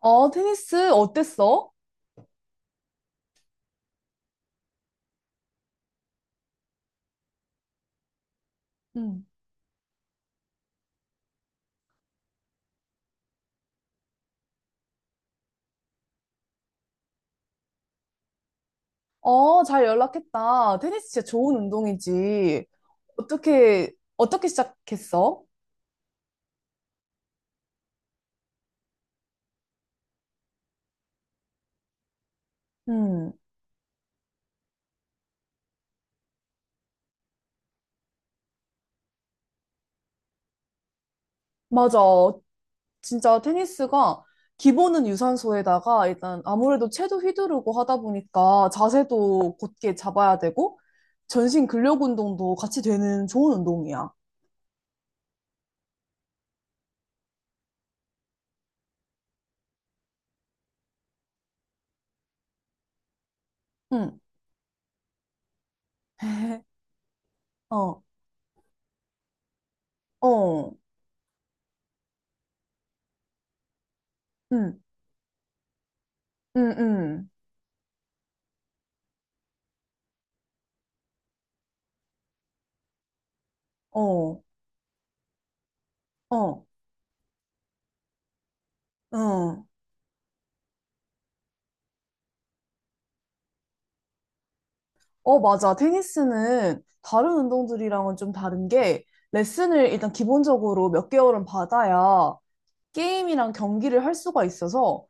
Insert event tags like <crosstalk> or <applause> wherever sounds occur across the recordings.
어, 테니스 어땠어? 응. 어, 잘 연락했다. 테니스 진짜 좋은 운동이지. 어떻게 시작했어? 음, 맞아. 진짜 테니스가 기본은 유산소에다가 일단 아무래도 채도 휘두르고 하다 보니까 자세도 곧게 잡아야 되고 전신 근력 운동도 같이 되는 좋은 운동이야. 응. <laughs> 어, 어, 응, 응, 응, 어, 어, 응. 어, 맞아. 테니스는 다른 운동들이랑은 좀 다른 게 레슨을 일단 기본적으로 몇 개월은 받아야 게임이랑 경기를 할 수가 있어서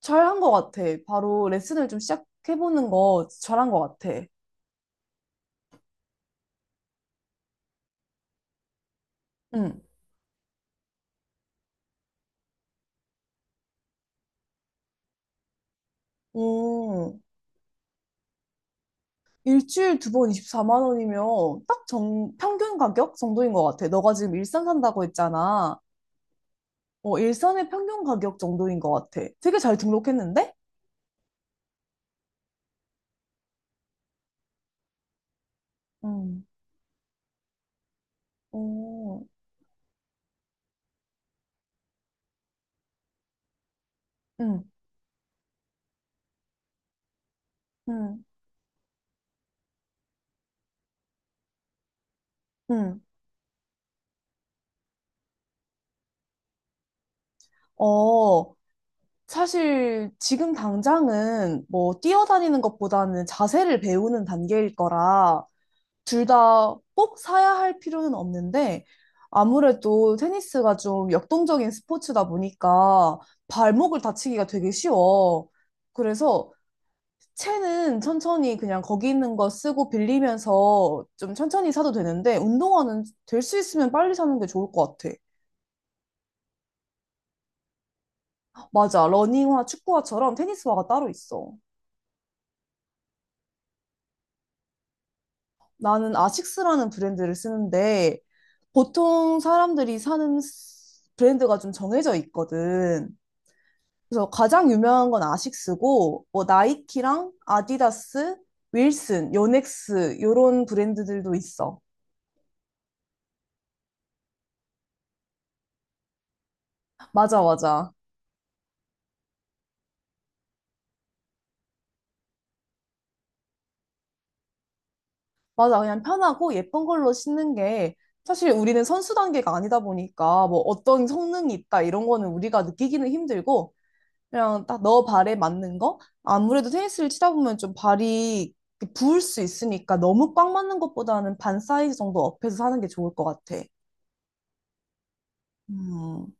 잘한 것 같아. 바로 레슨을 좀 시작해보는 거 잘한 것 같아. 응. 오, 일주일 2번 24만 원이면 딱 정, 평균 가격 정도인 것 같아. 너가 지금 일산 산다고 했잖아. 어, 일산의 평균 가격 정도인 것 같아. 되게 잘 등록했는데? 응. 오, 응, 응. 응. 어, 사실 지금 당장은 뭐 뛰어다니는 것보다는 자세를 배우는 단계일 거라 둘 다 꼭 사야 할 필요는 없는데 아무래도 테니스가 좀 역동적인 스포츠다 보니까 발목을 다치기가 되게 쉬워. 그래서 채는 천천히 그냥 거기 있는 거 쓰고 빌리면서 좀 천천히 사도 되는데 운동화는 될 수 있으면 빨리 사는 게 좋을 것 같아. 맞아. 러닝화, 축구화처럼 테니스화가 따로 있어. 나는 아식스라는 브랜드를 쓰는데 보통 사람들이 사는 브랜드가 좀 정해져 있거든. 그래서 가장 유명한 건 아식스고 뭐 나이키랑 아디다스, 윌슨, 요넥스 요런 브랜드들도 있어. 맞아, 맞아. 맞아. 그냥 편하고 예쁜 걸로 신는 게 사실 우리는 선수 단계가 아니다 보니까 뭐 어떤 성능이 있다 이런 거는 우리가 느끼기는 힘들고 그냥 딱 너 발에 맞는 거? 아무래도 테니스를 치다 보면 좀 발이 이렇게 부을 수 있으니까 너무 꽉 맞는 것보다는 반 사이즈 정도 업해서 사는 게 좋을 것 같아. 음.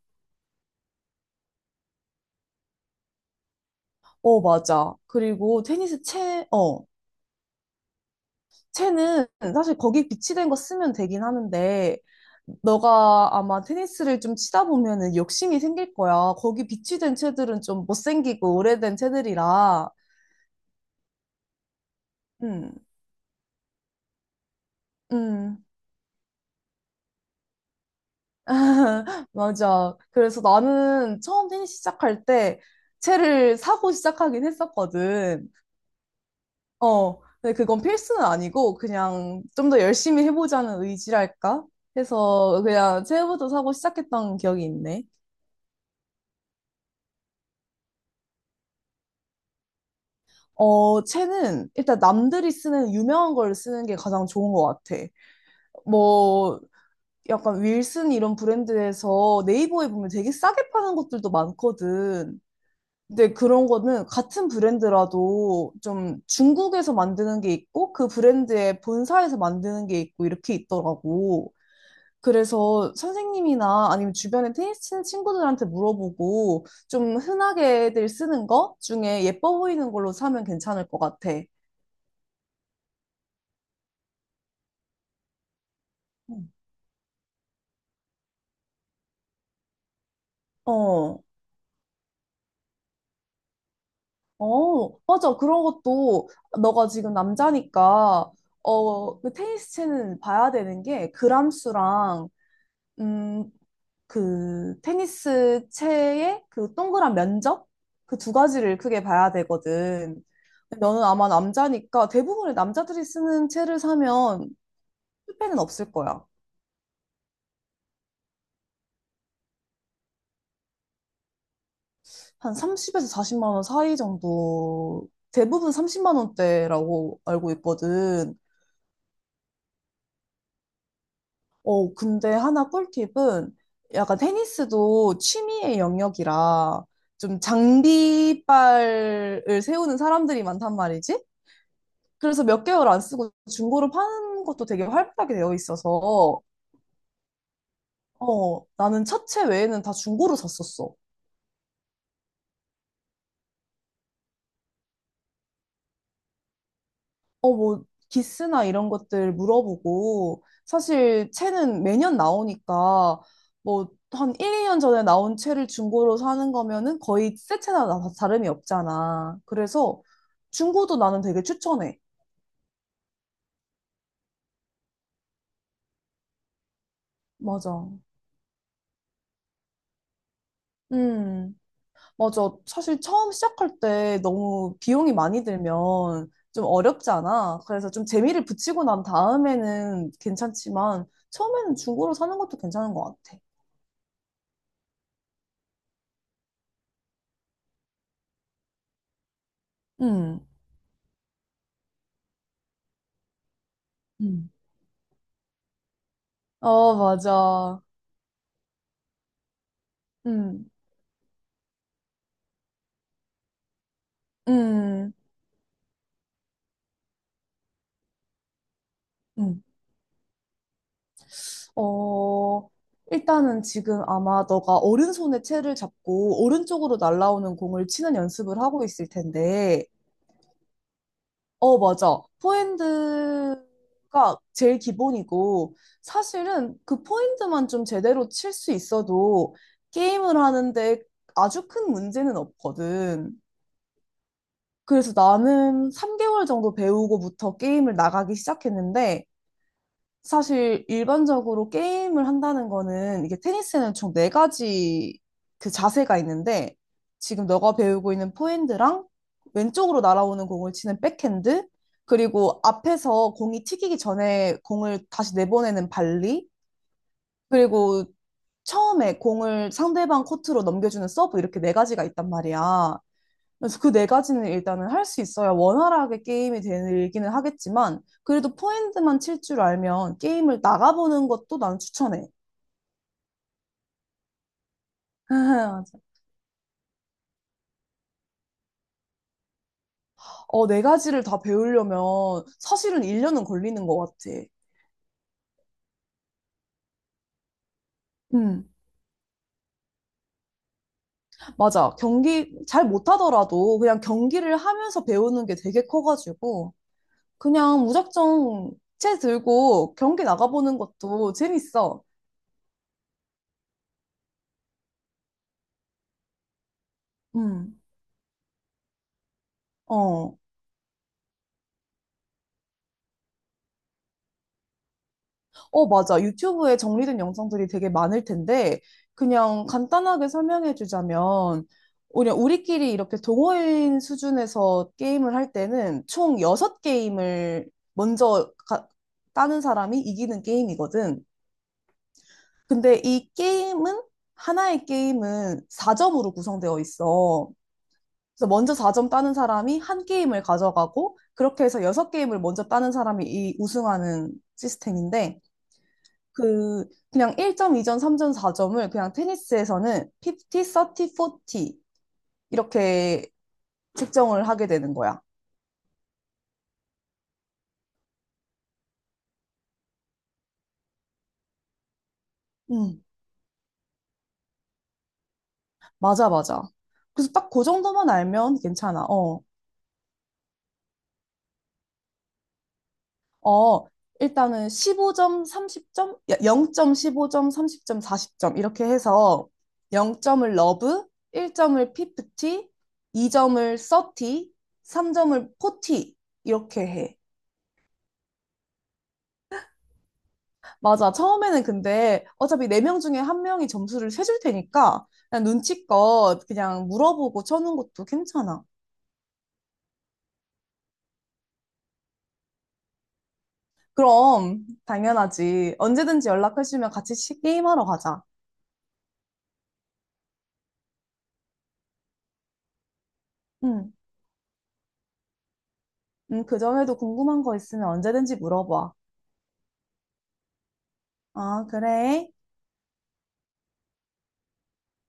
어, 맞아. 그리고 테니스 채, 어, 채는 사실 거기 비치된 거 쓰면 되긴 하는데, 너가 아마 테니스를 좀 치다 보면은 욕심이 생길 거야. 거기 비치된 채들은 좀 못생기고 오래된 채들이라. 음, 음. <laughs> 맞아. 그래서 나는 처음 테니스 시작할 때 채를 사고 시작하긴 했었거든. 어, 근데 그건 필수는 아니고 그냥 좀 더 열심히 해보자는 의지랄까? 해서 그냥 채부터 사고 시작했던 기억이 있네. 어, 채는 일단 남들이 쓰는 유명한 걸 쓰는 게 가장 좋은 것 같아. 뭐, 약간 윌슨 이런 브랜드에서 네이버에 보면 되게 싸게 파는 것들도 많거든. 근데 그런 거는 같은 브랜드라도 좀 중국에서 만드는 게 있고 그 브랜드의 본사에서 만드는 게 있고 이렇게 있더라고. 그래서 선생님이나 아니면 주변에 테니스 치는 친구들한테 물어보고 좀 흔하게들 쓰는 거 중에 예뻐 보이는 걸로 사면 괜찮을 것 같아. 음. 어, 어, 맞아. 그런 것도 너가 지금 남자니까, 어, 그 테니스 채는 봐야 되는 게 그람수랑, 음, 그 테니스 채의 그 동그란 면적? 그 두 가지를 크게 봐야 되거든. 근데 너는 아마 남자니까 대부분의 남자들이 쓰는 채를 사면 실패는 없을 거야. 한 30에서 40만 원 사이 정도, 대부분 30만 원대라고 알고 있거든. 어, 근데 하나 꿀팁은 약간 테니스도 취미의 영역이라 좀 장비빨을 세우는 사람들이 많단 말이지. 그래서 몇 개월 안 쓰고 중고로 파는 것도 되게 활발하게 되어 있어서, 어, 나는 차체 외에는 다 중고로 샀었어. 어, 뭐, 기스나 이런 것들 물어보고, 사실 채는 매년 나오니까, 뭐, 한 1, 2년 전에 나온 채를 중고로 사는 거면은 거의 새 채나 다름이 없잖아. 그래서 중고도 나는 되게 추천해. 맞아. 음. 맞아. 사실 처음 시작할 때 너무 비용이 많이 들면 좀 어렵지 않아. 그래서 좀 재미를 붙이고 난 다음에는 괜찮지만 처음에는 중고로 사는 것도 괜찮은 것 같아. 음. 음. 어, 맞아. 음. 음. 음. 어, 일단은 지금 아마 너가 오른손에 채를 잡고 오른쪽으로 날아오는 공을 치는 연습을 하고 있을 텐데 어, 맞아. 포핸드가 제일 기본이고, 사실은 그 포핸드만 좀 제대로 칠 수 있어도 게임을 하는데 아주 큰 문제는 없거든. 그래서 나는 3개월 정도 배우고부터 게임을 나가기 시작했는데, 사실 일반적으로 게임을 한다는 거는 이게 테니스는 총 4가지 그 자세가 있는데 지금 너가 배우고 있는 포핸드랑 왼쪽으로 날아오는 공을 치는 백핸드 그리고 앞에서 공이 튀기기 전에 공을 다시 내보내는 발리 그리고 처음에 공을 상대방 코트로 넘겨주는 서브 이렇게 4가지가 있단 말이야. 그래서 그 4가지는 일단은 할 수 있어야 원활하게 게임이 되기는 하겠지만, 그래도 포핸드만 칠 줄 알면 게임을 나가보는 것도 난 추천해. <laughs> 맞아. 어, 4가지를 다 배우려면 사실은 1년은 걸리는 것 같아. 음, 맞아. 경기 잘 못하더라도 그냥 경기를 하면서 배우는 게 되게 커가지고, 그냥 무작정 채 들고 경기 나가보는 것도 재밌어. 음, 어. 어, 맞아. 유튜브에 정리된 영상들이 되게 많을 텐데, 그냥 간단하게 설명해 주자면, 그냥 우리끼리 이렇게 동호인 수준에서 게임을 할 때는 총 6게임을 먼저 따는 사람이 이기는 게임이거든. 근데 이 게임은, 하나의 게임은 4점으로 구성되어 있어. 그래서 먼저 4점 따는 사람이 한 게임을 가져가고, 그렇게 해서 6게임을 먼저 따는 사람이 이 우승하는 시스템인데, 그냥 1점, 2점, 3점, 4점을 그냥 테니스에서는 50, 30, 40 이렇게 측정을 하게 되는 거야. 음, 맞아, 맞아. 그래서 딱 그 정도만 알면 괜찮아. 어, 어, 일단은 15점 30점 0.15점, 30점, 40점 이렇게 해서 0점을 러브, 1점을 50, 2점을 30, 3점을 40 이렇게 해. 맞아. 처음에는 근데 어차피 4명 중에 1명이 점수를 세줄 테니까 그냥 눈치껏 그냥 물어보고 쳐는 것도 괜찮아. 그럼 당연하지. 언제든지 연락해주면 같이 게임하러 가자. 응. 응, 그 전에도 궁금한 거 있으면 언제든지 물어봐. 아, 그래.